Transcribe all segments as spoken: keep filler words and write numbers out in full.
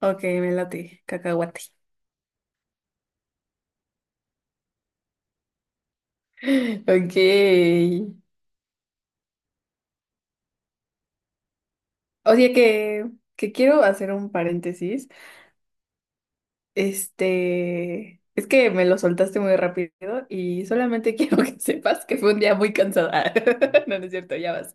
Ok, me late, cacahuate. Ok. O sea que, que quiero hacer un paréntesis. Este, es que me lo soltaste muy rápido y solamente quiero que sepas que fue un día muy cansada. No, no es cierto, ya vas.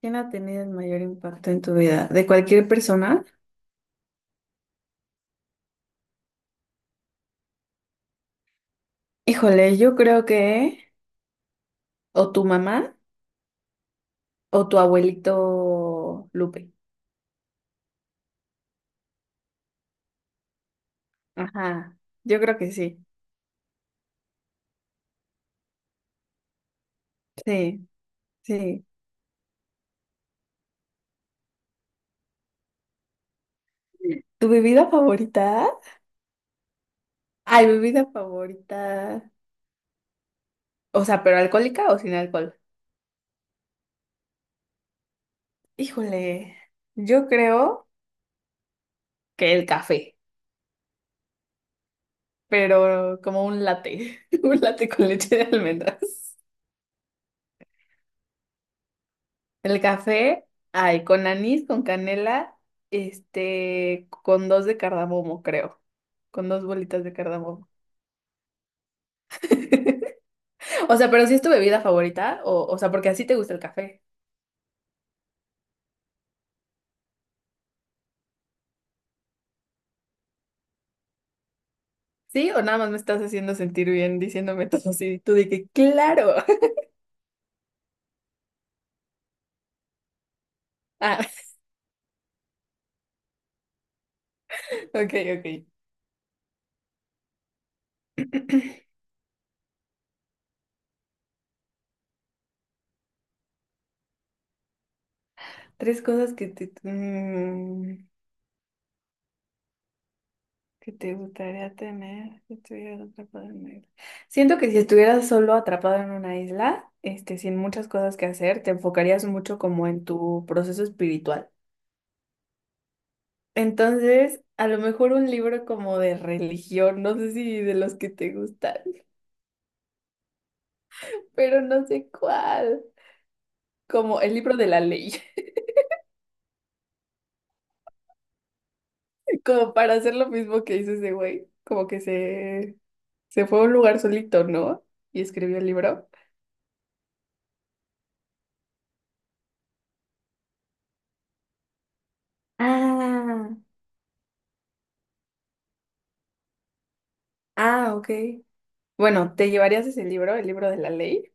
¿Quién ha tenido el mayor impacto en tu vida? ¿De cualquier persona? Híjole, yo creo que o tu mamá o tu abuelito Lupe. Ajá, yo creo que sí. Sí, sí. ¿Tu bebida favorita? Ay, bebida favorita. O sea, ¿pero alcohólica o sin alcohol? Híjole, yo creo que el café, pero como un latte, un latte con leche de almendras. El café, ay, con anís, con canela, este, con dos de cardamomo, creo, con dos bolitas de cardamomo. O sea, pero si es tu bebida favorita, o, o sea, porque así te gusta el café. ¿Sí? ¿O nada más me estás haciendo sentir bien diciéndome todo así? Tú de que, claro. Ah, ok, ok. Tres cosas que te, mm, que te gustaría tener si estuvieras atrapado en una isla. Siento que si estuvieras solo atrapado en una isla, este, sin muchas cosas que hacer, te enfocarías mucho como en tu proceso espiritual. Entonces, a lo mejor un libro como de religión, no sé si de los que te gustan, pero no sé cuál. Como el libro de la ley, como para hacer lo mismo que hizo ese güey, como que se, se fue a un lugar solito, ¿no? Y escribió el libro. Ah, ah, ok. Bueno, ¿te llevarías ese libro, el libro de la ley?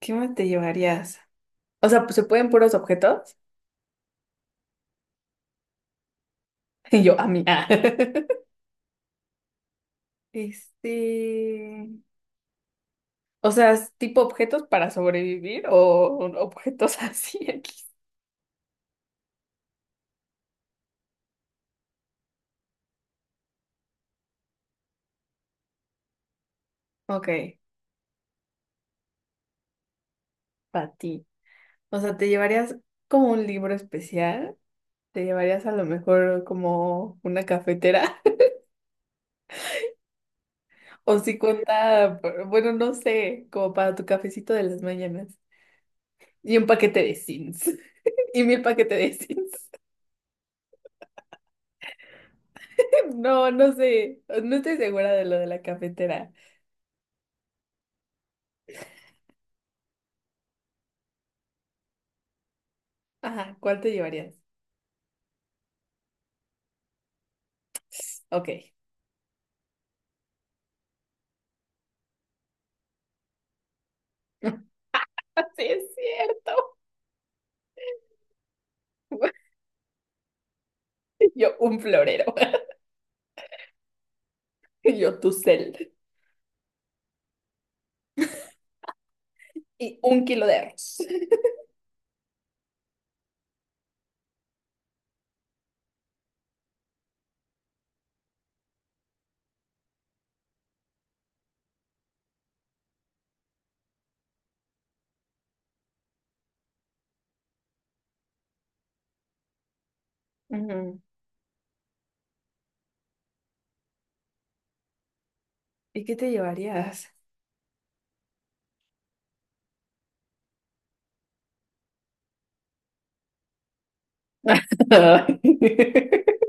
¿Qué más te llevarías? O sea, ¿se pueden puros objetos? Y yo, a mí. Ah. Este, o sea, ¿es tipo objetos para sobrevivir o objetos así aquí. Ok, para ti. O sea, ¿te llevarías como un libro especial? ¿Te llevarías a lo mejor como una cafetera? O si cuenta, bueno, no sé, como para tu cafecito de las mañanas. Y un paquete de Sims. Y mi paquete de Sims. No, no sé. No estoy segura de lo de la cafetera. Ajá, ¿cuál te llevarías? Ok. Así es cierto. Yo un florero. Yo tu cel. Y un kilo de arroz. Ujú. ¿Y qué te llevarías? Ay.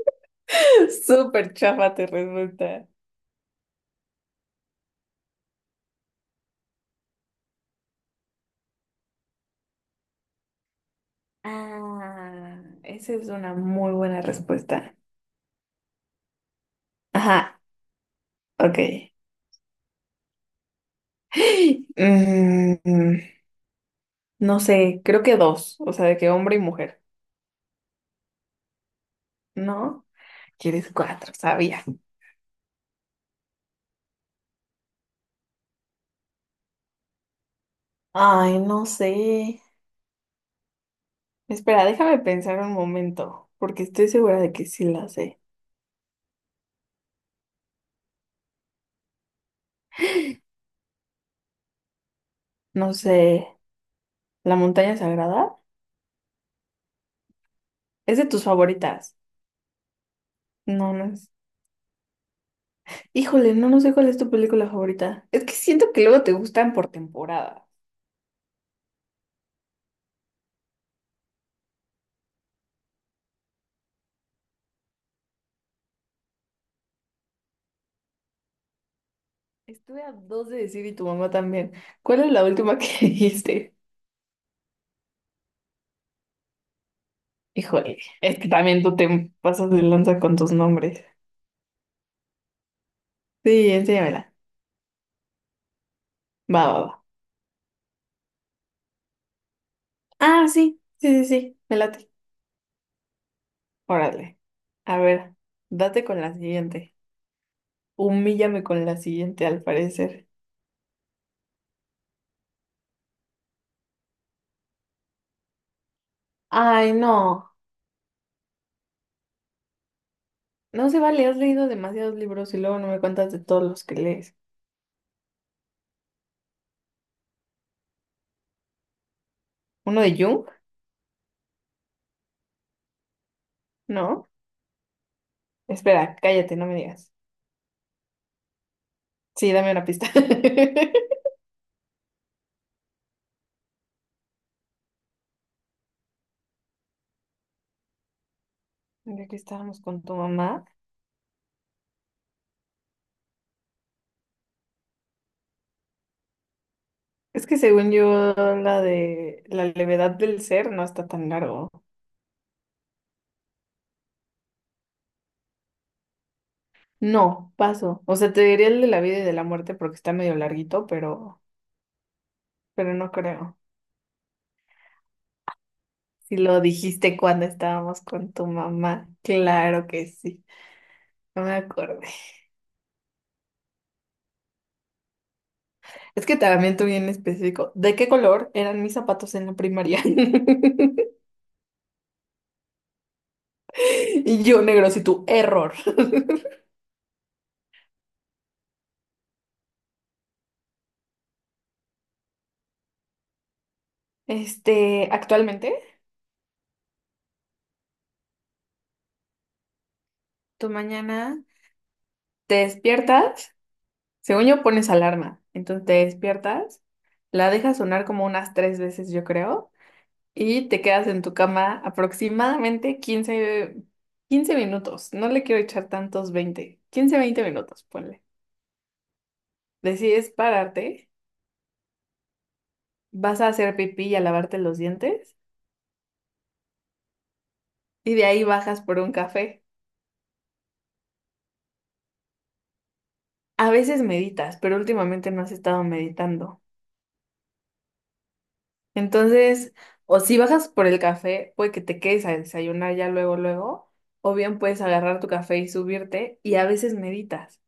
Súper chafa te resulta. Ah, esa es una muy buena respuesta. Ajá, ok. Mm, no sé, creo que dos, o sea, de que hombre y mujer. ¿No? Quieres cuatro, sabía. Ay, no sé. Espera, déjame pensar un momento, porque estoy segura de que sí la sé. No sé, ¿La montaña sagrada? Es de tus favoritas. No, no es. Híjole, no, no sé cuál es tu película favorita. Es que siento que luego te gustan por temporada. Estuve a dos de decir y tu mamá también. ¿Cuál es la última que dijiste? Híjole, es que también tú te pasas de lanza con tus nombres. Sí, enséñamela. Va, va, va. Ah, sí, sí, sí, sí, me late. Órale. A ver, date con la siguiente. Humíllame con la siguiente, al parecer. Ay, no. No se vale, has leído demasiados libros y luego no me cuentas de todos los que lees. ¿Uno de Jung? ¿No? Espera, cállate, no me digas. Sí, dame una pista. Ya que estábamos con tu mamá. Es que según yo, la de la levedad del ser no está tan largo. No, paso. O sea, te diría el de la vida y de la muerte porque está medio larguito, pero pero no creo. Si lo dijiste cuando estábamos con tu mamá, claro que sí, no me acordé. Es que también tú bien específico, ¿de qué color eran mis zapatos en la primaria? Y yo negro, si tu error. Este, actualmente, tú mañana te despiertas, según yo pones alarma, entonces te despiertas, la dejas sonar como unas tres veces, yo creo. Y te quedas en tu cama aproximadamente quince quince minutos. No le quiero echar tantos veinte, quince veinte minutos, ponle. Decides pararte, vas a hacer pipí y a lavarte los dientes y de ahí bajas por un café. A veces meditas, pero últimamente no has estado meditando. Entonces, o si bajas por el café, puede que te quedes a desayunar ya luego, luego, o bien puedes agarrar tu café y subirte y a veces meditas.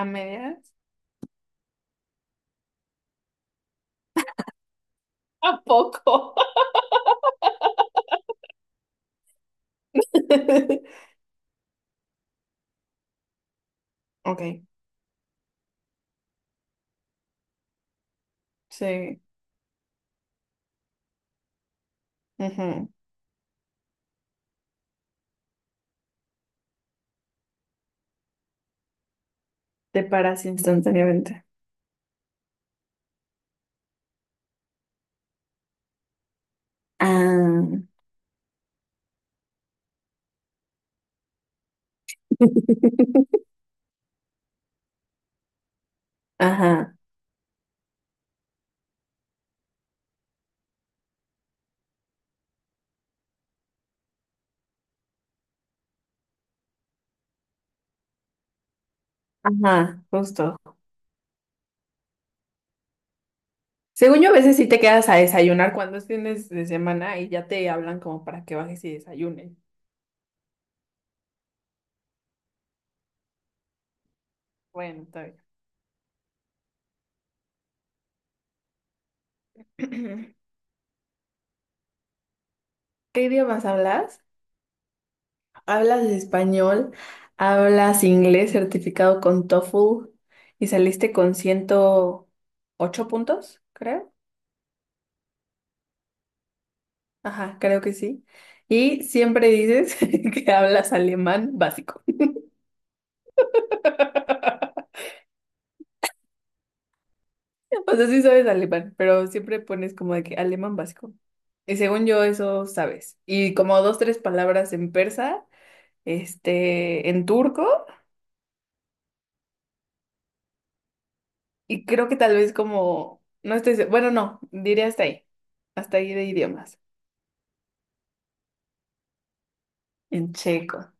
¿A medias? ¿A poco? Ok. Sí. Ujú. Te paras instantáneamente. Ah. Ajá, ajá, justo. Según yo, a veces sí te quedas a desayunar cuando es fines de semana y ya te hablan como para que bajes y desayunes. Bueno, está bien. ¿Qué idiomas hablas? ¿Hablas español? ¿Hablas inglés certificado con tofel? ¿Y saliste con ciento ocho puntos, creo? Ajá, creo que sí. Y siempre dices que hablas alemán básico. O sea, sí sabes alemán, pero siempre pones como de que alemán básico. Y según yo, eso sabes. Y como dos, tres palabras en persa, este, en turco, y creo que tal vez como, no estoy, se- bueno, no, diré hasta ahí, hasta ahí de idiomas, en checo.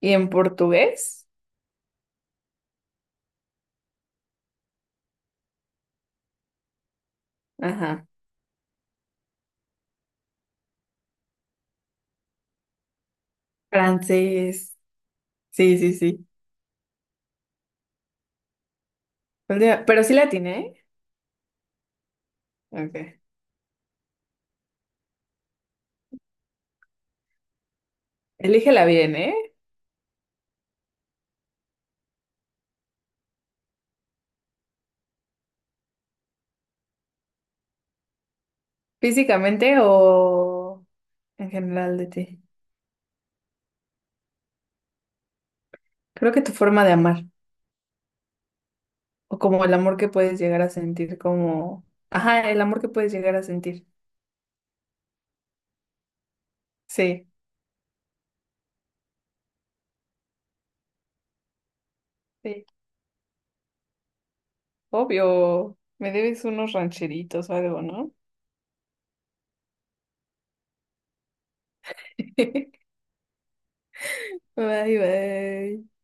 Y en portugués, ajá, francés, sí, sí, sí. Última... Pero sí la atiné, ¿eh? Ok. Elígela bien, ¿eh? Físicamente o en general de ti. Creo que tu forma de amar, o como el amor que puedes llegar a sentir, como... Ajá, el amor que puedes llegar a sentir. Sí, sí. Obvio, me debes unos rancheritos o algo, ¿no? Bye, bye.